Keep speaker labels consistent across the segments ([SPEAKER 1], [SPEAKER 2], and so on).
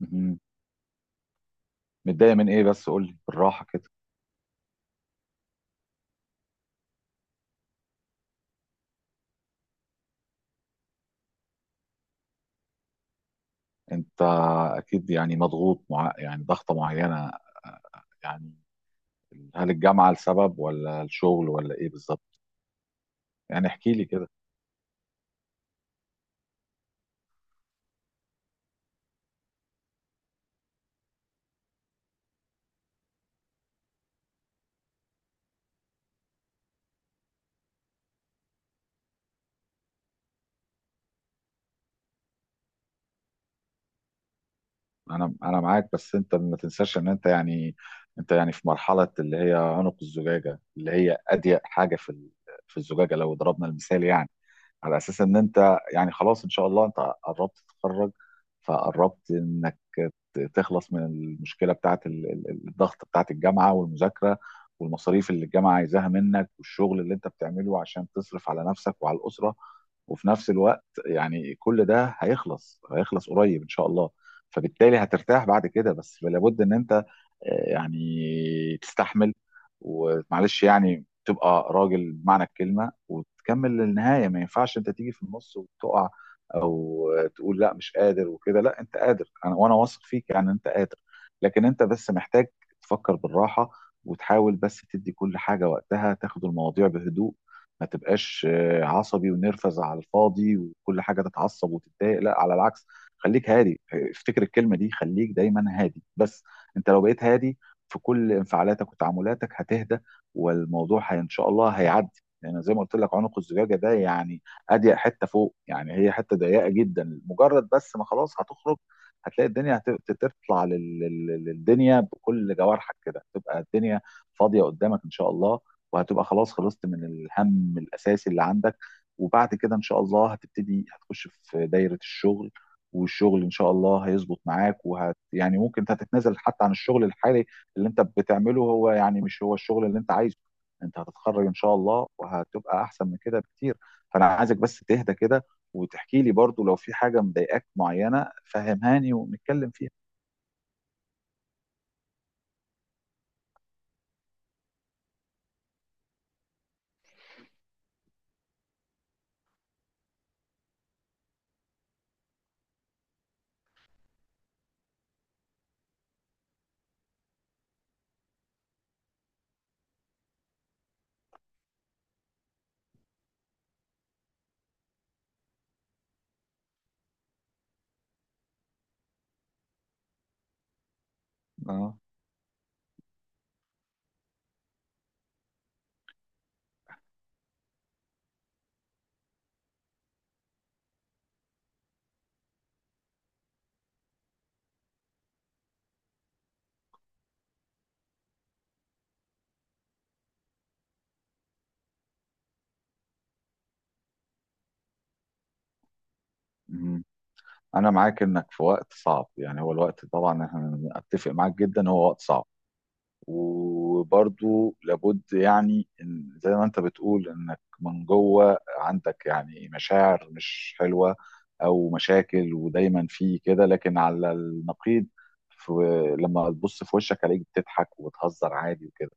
[SPEAKER 1] مهم. متضايق من ايه؟ بس قول لي بالراحه كده. انت اكيد يعني مضغوط مع يعني ضغطه معينه يعني. هل الجامعه لسبب ولا الشغل ولا ايه بالظبط؟ يعني احكي لي كده. انا معاك، بس انت ما تنساش ان انت يعني في مرحله اللي هي عنق الزجاجه، اللي هي اضيق حاجه في الزجاجه لو ضربنا المثال يعني، على اساس ان انت يعني خلاص ان شاء الله انت قربت تتخرج. فقربت انك تخلص من المشكله بتاعت الضغط بتاعت الجامعه والمذاكره، والمصاريف اللي الجامعه عايزاها منك، والشغل اللي انت بتعمله عشان تصرف على نفسك وعلى الاسره. وفي نفس الوقت يعني كل ده هيخلص، هيخلص قريب ان شاء الله. فبالتالي هترتاح بعد كده، بس لابد ان انت يعني تستحمل، ومعلش يعني تبقى راجل بمعنى الكلمه وتكمل للنهايه. ما ينفعش انت تيجي في النص وتقع، او تقول لا مش قادر وكده. لا انت قادر، انا وانا واثق فيك يعني انت قادر. لكن انت بس محتاج تفكر بالراحه، وتحاول بس تدي كل حاجه وقتها، تاخد المواضيع بهدوء. ما تبقاش عصبي ونرفز على الفاضي وكل حاجه تتعصب وتتضايق، لا على العكس. خليك هادي، افتكر الكلمه دي، خليك دايما هادي. بس انت لو بقيت هادي في كل انفعالاتك وتعاملاتك هتهدى، والموضوع هي ان شاء الله هيعدي. لان زي ما قلت لك عنق الزجاجه ده يعني اضيق حته فوق، يعني هي حته ضيقه جدا، مجرد بس ما خلاص هتخرج هتلاقي الدنيا تطلع للدنيا بكل جوارحك كده، تبقى الدنيا فاضيه قدامك ان شاء الله. وهتبقى خلاص خلصت من الهم الاساسي اللي عندك. وبعد كده ان شاء الله هتبتدي، هتخش في دايره الشغل، والشغل ان شاء الله هيظبط معاك. يعني ممكن انت هتتنازل حتى عن الشغل الحالي اللي انت بتعمله، هو يعني مش هو الشغل اللي انت عايزه. انت هتتخرج ان شاء الله وهتبقى احسن من كده بكتير. فانا عايزك بس تهدى كده، وتحكي لي برضو لو في حاجة مضايقاك معينة، فهمهاني ونتكلم فيها. اه. مم. انا معاك انك في وقت صعب يعني، هو الوقت طبعا انا اتفق معاك جدا، هو وقت صعب. وبرضو لابد يعني زي ما انت بتقول انك من جوه عندك يعني مشاعر مش حلوة او مشاكل، ودايما في كده. لكن على النقيض، في لما تبص في وشك عليك بتضحك وبتهزر عادي وكده.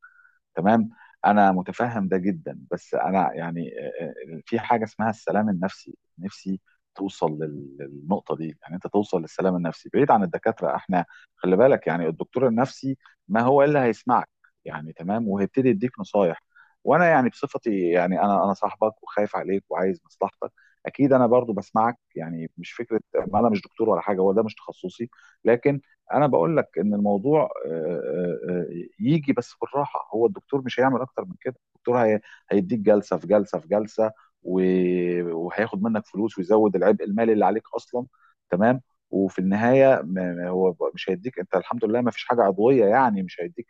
[SPEAKER 1] تمام، انا متفهم ده جدا. بس انا يعني في حاجه اسمها السلام النفسي، نفسي توصل للنقطه دي، يعني انت توصل للسلام النفسي بعيد عن الدكاتره. احنا خلي بالك يعني الدكتور النفسي ما هو الا هيسمعك يعني، تمام، وهيبتدي يديك نصايح. وانا يعني بصفتي يعني انا صاحبك وخايف عليك وعايز مصلحتك، اكيد انا برضو بسمعك يعني، مش فكره. ما انا مش دكتور ولا حاجه، هو ده مش تخصصي. لكن انا بقول لك ان الموضوع آه، آه، يجي بس بالراحه. هو الدكتور مش هيعمل اكتر من كده، الدكتور هيديك جلسه في جلسه في جلسه، و- وهياخد منك فلوس ويزود العبء المالي اللي عليك اصلا. تمام. وفي النهايه ما هو مش هيديك، انت الحمد لله ما فيش حاجه عضويه يعني، مش هيديك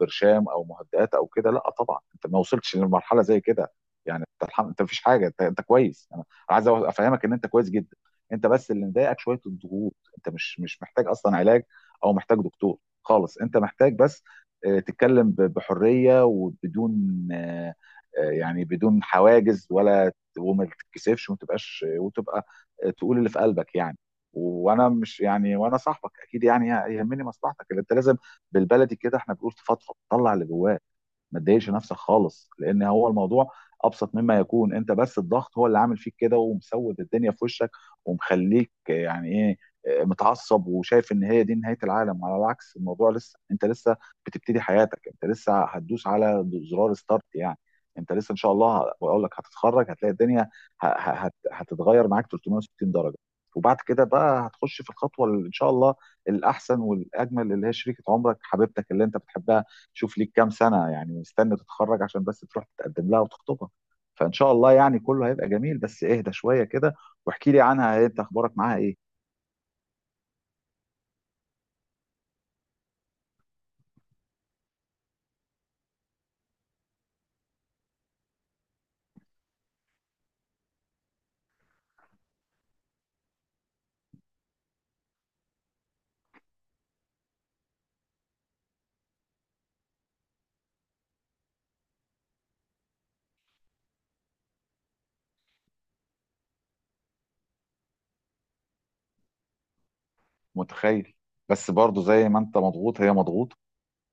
[SPEAKER 1] برشام او مهدئات او كده. لا طبعا انت ما وصلتش لمرحله زي كده يعني، انت الحمد، انت ما فيش حاجه. انت كويس، انا عايز افهمك ان انت كويس جدا. انت بس اللي مضايقك شويه الضغوط، انت مش مش محتاج اصلا علاج او محتاج دكتور خالص. انت محتاج بس تتكلم بحريه وبدون يعني بدون حواجز ولا، وما تتكسفش وما تبقاش وتبقى تقول اللي في قلبك يعني. وانا مش يعني، وانا صاحبك اكيد يعني يهمني مصلحتك، اللي انت لازم، بالبلدي كده احنا بنقول تفضفض، طلع اللي جواك. ما تضايقش نفسك خالص، لان هو الموضوع ابسط مما يكون. انت بس الضغط هو اللي عامل فيك كده ومسود الدنيا في وشك ومخليك يعني ايه، متعصب وشايف ان هي دي نهايه العالم. على العكس، الموضوع لسه، انت لسه بتبتدي حياتك، انت لسه هتدوس على زرار ستارت يعني. انت لسه ان شاء الله، بقول لك هتتخرج هتلاقي الدنيا ه- ه- هتتغير معاك 360 درجه. وبعد كده بقى هتخش في الخطوه اللي ان شاء الله الاحسن والاجمل، اللي هي شريكه عمرك، حبيبتك اللي انت بتحبها. شوف ليك كام سنة يعني مستني تتخرج عشان بس تروح تتقدم لها وتخطبها. فإن شاء الله يعني كله هيبقى جميل، بس اهدى شوية كده. واحكي لي عنها، انت اخبارك معاها ايه؟ متخيل. بس برضو زي ما انت مضغوط هي مضغوطة،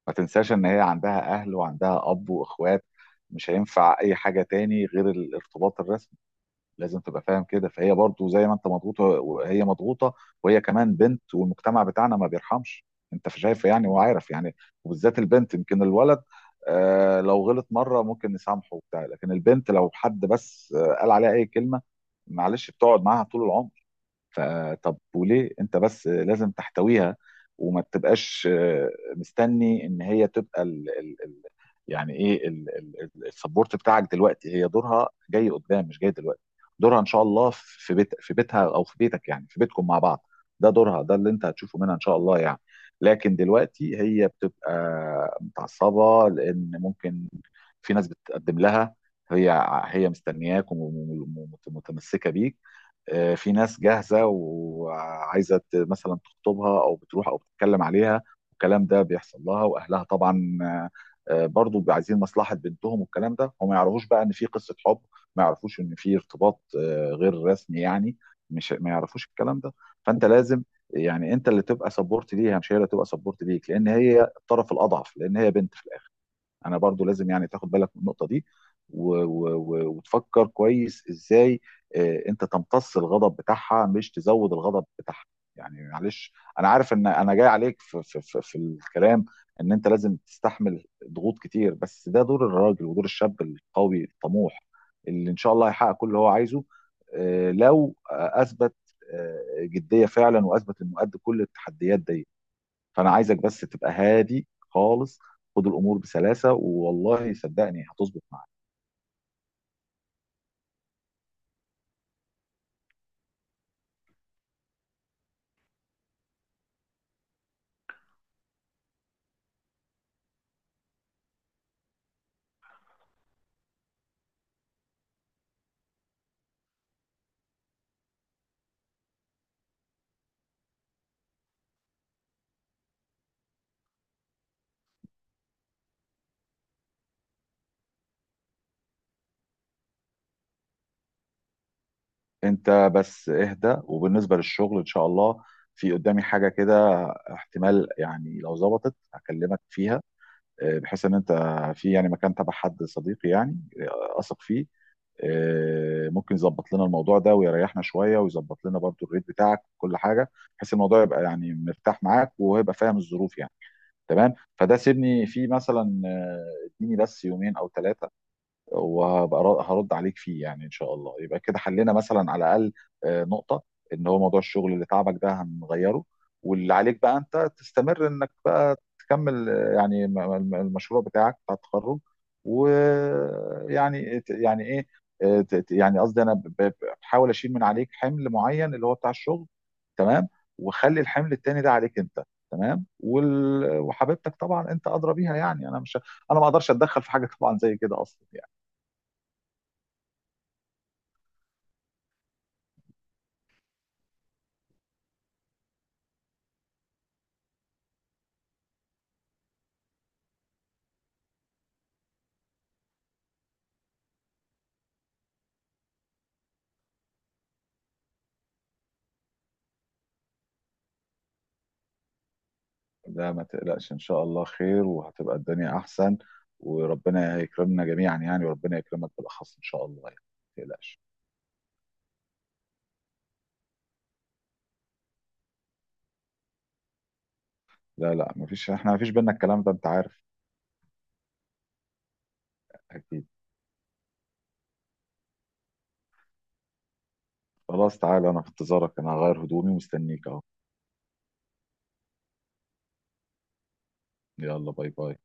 [SPEAKER 1] ما تنساش ان هي عندها اهل وعندها اب واخوات، مش هينفع اي حاجة تاني غير الارتباط الرسمي. لازم تبقى فاهم كده، فهي برضو زي ما انت مضغوطه وهي مضغوطه. وهي كمان بنت، والمجتمع بتاعنا ما بيرحمش، انت شايف يعني وعارف يعني. وبالذات البنت، يمكن الولد آه لو غلط مره ممكن نسامحه وبتاع، لكن البنت لو حد بس آه قال عليها اي كلمه، معلش، بتقعد معاها طول العمر. فطب وليه انت بس لازم تحتويها وما تبقاش مستني ان هي تبقى ال ال ال يعني ايه، السبورت بتاعك دلوقتي. هي دورها جاي قدام مش جاي دلوقتي، دورها ان شاء الله في بيت، في بيتها او في بيتك يعني في بيتكم مع بعض، ده دورها، ده اللي انت هتشوفه منها ان شاء الله يعني. لكن دلوقتي هي بتبقى متعصبة، لان ممكن في ناس بتقدم لها، هي هي مستنياك ومتمسكة بيك. في ناس جاهزة وعايزة مثلا تخطبها، أو بتروح أو بتتكلم عليها، والكلام ده بيحصل لها. وأهلها طبعا برضو بيبقوا عايزين مصلحة بنتهم، والكلام ده. هم ما يعرفوش بقى إن في قصة حب، ما يعرفوش إن في ارتباط غير رسمي يعني، مش ما يعرفوش الكلام ده. فأنت لازم يعني، أنت اللي تبقى سبورت ليها مش هي اللي تبقى سبورت ليك، لأن هي الطرف الأضعف، لأن هي بنت في الآخر. انا برضو لازم يعني تاخد بالك من النقطه دي، وتفكر كويس ازاي انت تمتص الغضب بتاعها مش تزود الغضب بتاعها. يعني معلش، انا عارف ان انا جاي عليك في في الكلام، ان انت لازم تستحمل ضغوط كتير، بس ده دور الراجل ودور الشاب القوي الطموح اللي ان شاء الله هيحقق كل اللي هو عايزه لو اثبت جديه فعلا، واثبت انه قد كل التحديات دي. فانا عايزك بس تبقى هادي خالص، خد الامور بسلاسه، والله صدقني هتظبط معاك. انت بس اهدى، وبالنسبه للشغل ان شاء الله في قدامي حاجه كده، احتمال يعني لو ظبطت هكلمك فيها. بحيث ان انت في يعني مكان تبع حد صديقي يعني اثق فيه، ممكن يظبط لنا الموضوع ده ويريحنا شويه، ويظبط لنا برضو الريت بتاعك وكل حاجه، بحيث الموضوع يبقى يعني مرتاح معاك وهيبقى فاهم الظروف يعني. تمام. فده سيبني فيه مثلا اديني بس يومين او ثلاثه وهبقى هرد عليك فيه يعني، ان شاء الله يبقى كده حلينا مثلا على الاقل نقطه، ان هو موضوع الشغل اللي تعبك ده هنغيره. واللي عليك بقى انت تستمر انك بقى تكمل يعني المشروع بتاعك بتاع التخرج. ويعني يعني ايه يعني قصدي انا بحاول اشيل من عليك حمل معين اللي هو بتاع الشغل. تمام. وخلي الحمل التاني ده عليك انت. تمام. وحبيبتك طبعا انت ادرى بيها يعني، انا مش، انا ما اقدرش اتدخل في حاجه طبعا زي كده اصلا. لا ما تقلقش، ان شاء الله خير، وهتبقى الدنيا احسن، وربنا يكرمنا جميعا يعني، وربنا يكرمك بالاخص ان شاء الله يعني، ما تقلقش. لا لا، ما فيش، احنا ما فيش بينا الكلام ده، انت عارف. اكيد. خلاص تعالى، انا في انتظارك، انا هغير هدومي ومستنيك اهو. يلا، باي باي.